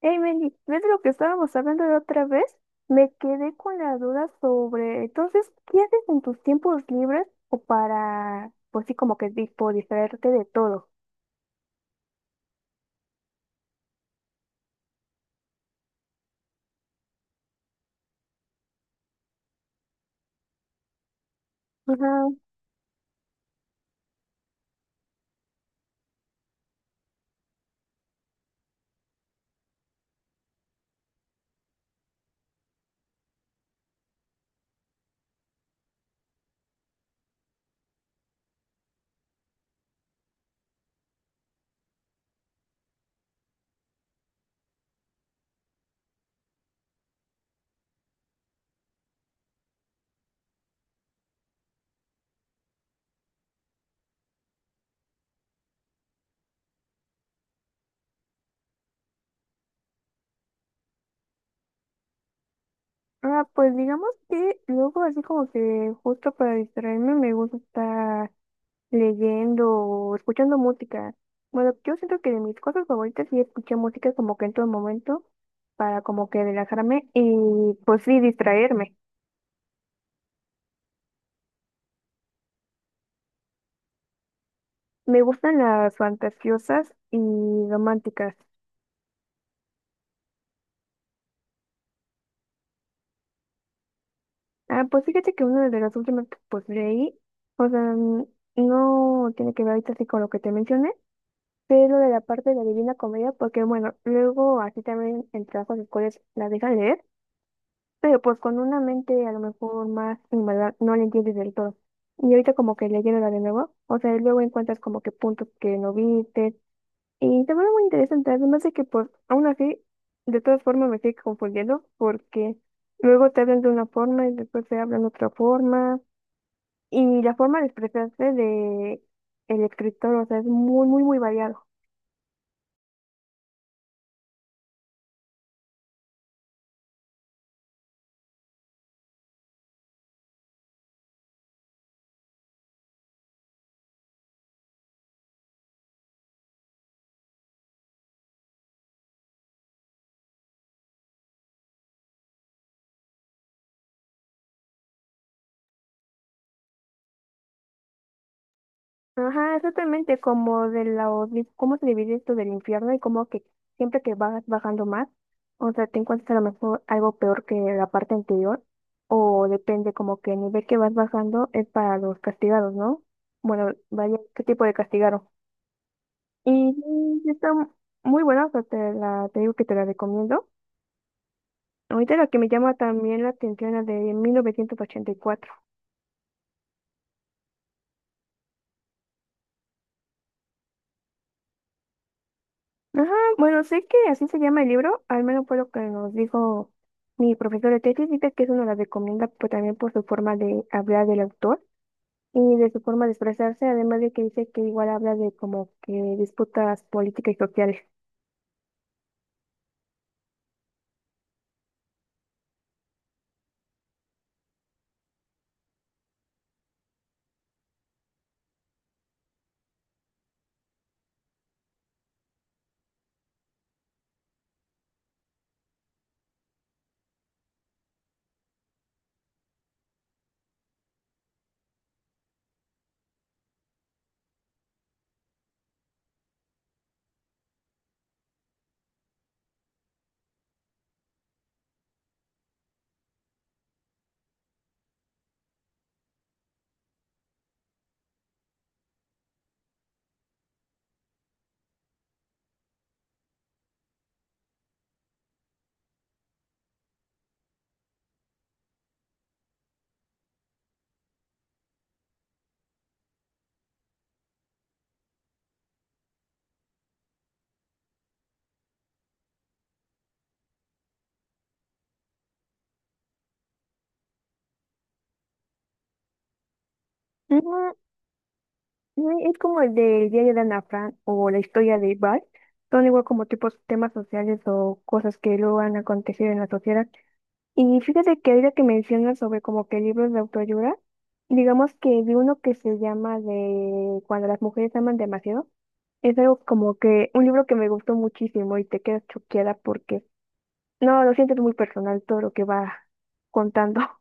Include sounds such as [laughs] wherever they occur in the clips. Hey Mandy, ¿ves lo que estábamos hablando la otra vez? Me quedé con la duda sobre, entonces, ¿qué haces en tus tiempos libres o para, pues sí, como que tipo distraerte de todo? Ajá. Ah, pues digamos que luego así como que justo para distraerme me gusta estar leyendo o escuchando música. Bueno, yo siento que de mis cosas favoritas sí escuchar música como que en todo momento para como que relajarme y pues sí distraerme. Me gustan las fantasiosas y románticas. Ah, pues fíjate que una de las últimas que pues leí, o sea, no tiene que ver ahorita así con lo que te mencioné, pero de la parte de la Divina Comedia, porque bueno, luego así también en trabajos escolares la dejan leer, pero pues con una mente a lo mejor más inmadura no la entiendes del todo. Y ahorita como que leyéndola de nuevo, o sea, luego encuentras como que puntos que no viste, y también parece muy interesante, además de que pues aún así, de todas formas me sigue confundiendo porque luego te hablan de una forma y después te hablan de otra forma y la forma de expresarse de el escritor, o sea, es muy variado. Ajá, exactamente como de la, cómo se divide esto del infierno y como que siempre que vas bajando más, o sea, te encuentras a lo mejor algo peor que la parte anterior, o depende como que el nivel que vas bajando es para los castigados, ¿no? Bueno, vaya, ¿qué tipo de castigado? Y sí, está muy buena, o sea, te la, te digo que te la recomiendo. Ahorita la que me llama también la atención, la de 1984. Ajá, bueno, sé que así se llama el libro, al menos fue lo que nos dijo mi profesor de tesis, dice que eso nos la recomienda pues, también por su forma de hablar del autor y de su forma de expresarse, además de que dice que igual habla de como que disputas políticas y sociales. Ujú, y es como el del diario de Ana Frank o la historia de Val, son igual como tipos temas sociales o cosas que luego han acontecido en la sociedad. Y fíjate que ahorita que mencionas sobre como que libros de autoayuda, digamos que vi uno que se llama de Cuando las mujeres aman demasiado. Es algo como que un libro que me gustó muchísimo y te quedas choqueada porque no, lo sientes muy personal todo lo que va contando. [laughs]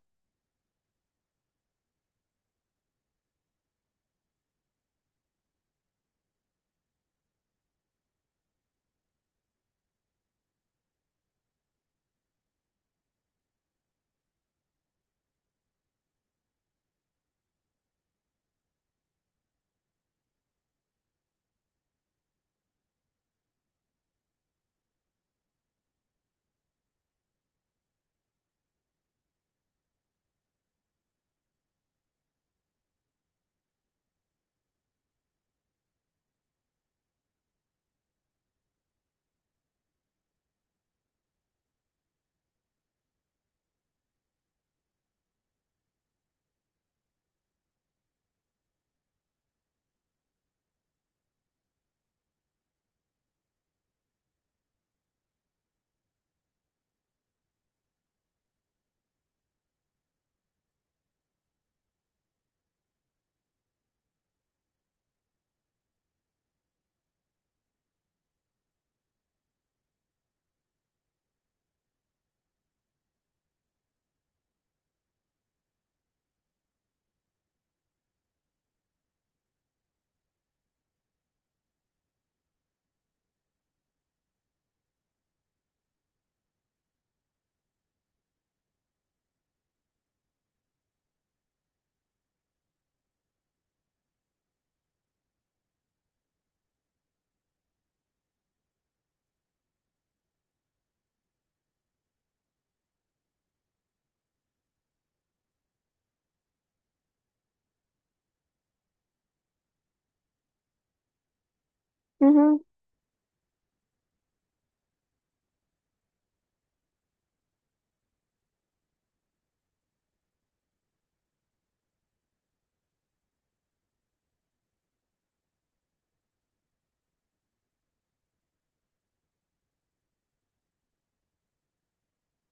Ujú.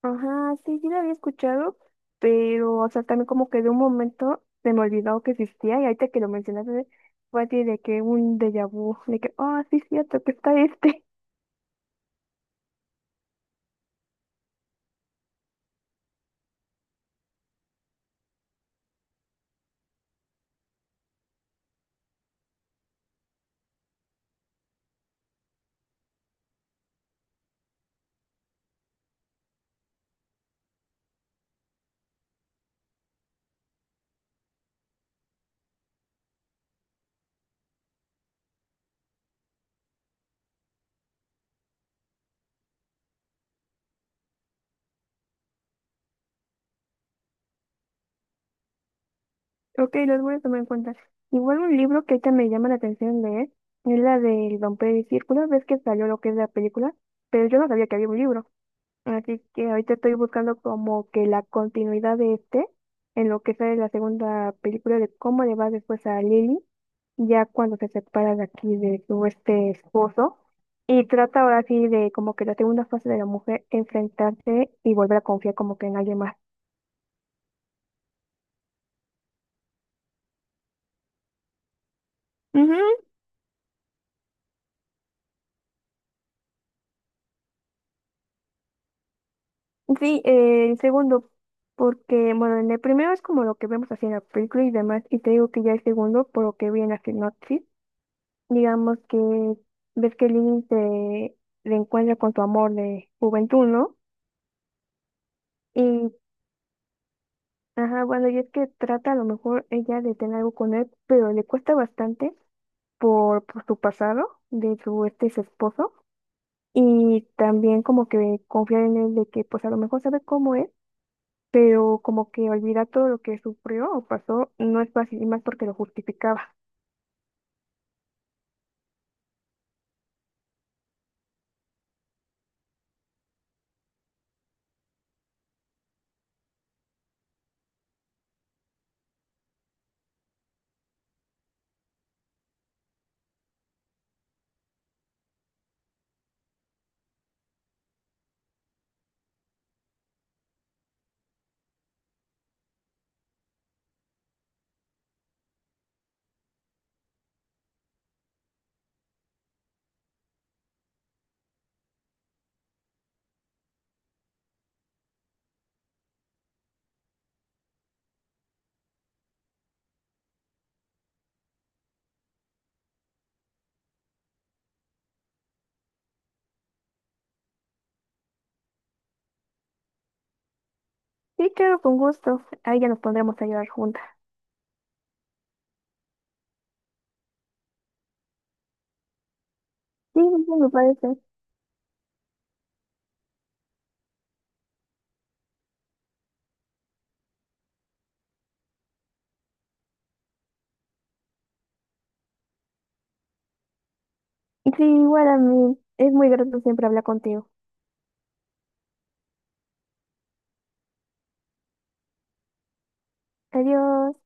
Ajá, sí, sí lo había escuchado, pero, o sea, también como que de un momento se me olvidó que existía y ahorita que lo mencionaste fue así de que un déjà vu, de que, ah, sí, es cierto que está este. Ok, los voy a tomar en cuenta. Igual un libro que ahorita me llama la atención leer es la del Romper el Círculo. Ves que salió lo que es la película, pero yo no sabía que había un libro. Así que ahorita estoy buscando como que la continuidad de este en lo que sale la segunda película de cómo le va después a Lily, ya cuando se separa de aquí de su este esposo. Y trata ahora sí de como que la segunda fase de la mujer enfrentarse y volver a confiar como que en alguien más. Sí, el segundo, porque, bueno, en el primero es como lo que vemos así en la película y demás, y te digo que ya el segundo, por lo que vi en la sinopsis, digamos que ves que Lily se reencuentra con su amor de juventud, ¿no? Y, ajá, bueno, y es que trata a lo mejor ella de tener algo con él, pero le cuesta bastante por su pasado, de su este esposo, y también como que confiar en él de que, pues, a lo mejor sabe cómo es pero como que olvida todo lo que sufrió o pasó, no es fácil, y más porque lo justificaba. Sí, claro, con gusto. Ahí ya nos pondremos a llorar juntas. Sí, me parece. Sí, igual a mí. Es muy grato siempre hablar contigo. Adiós.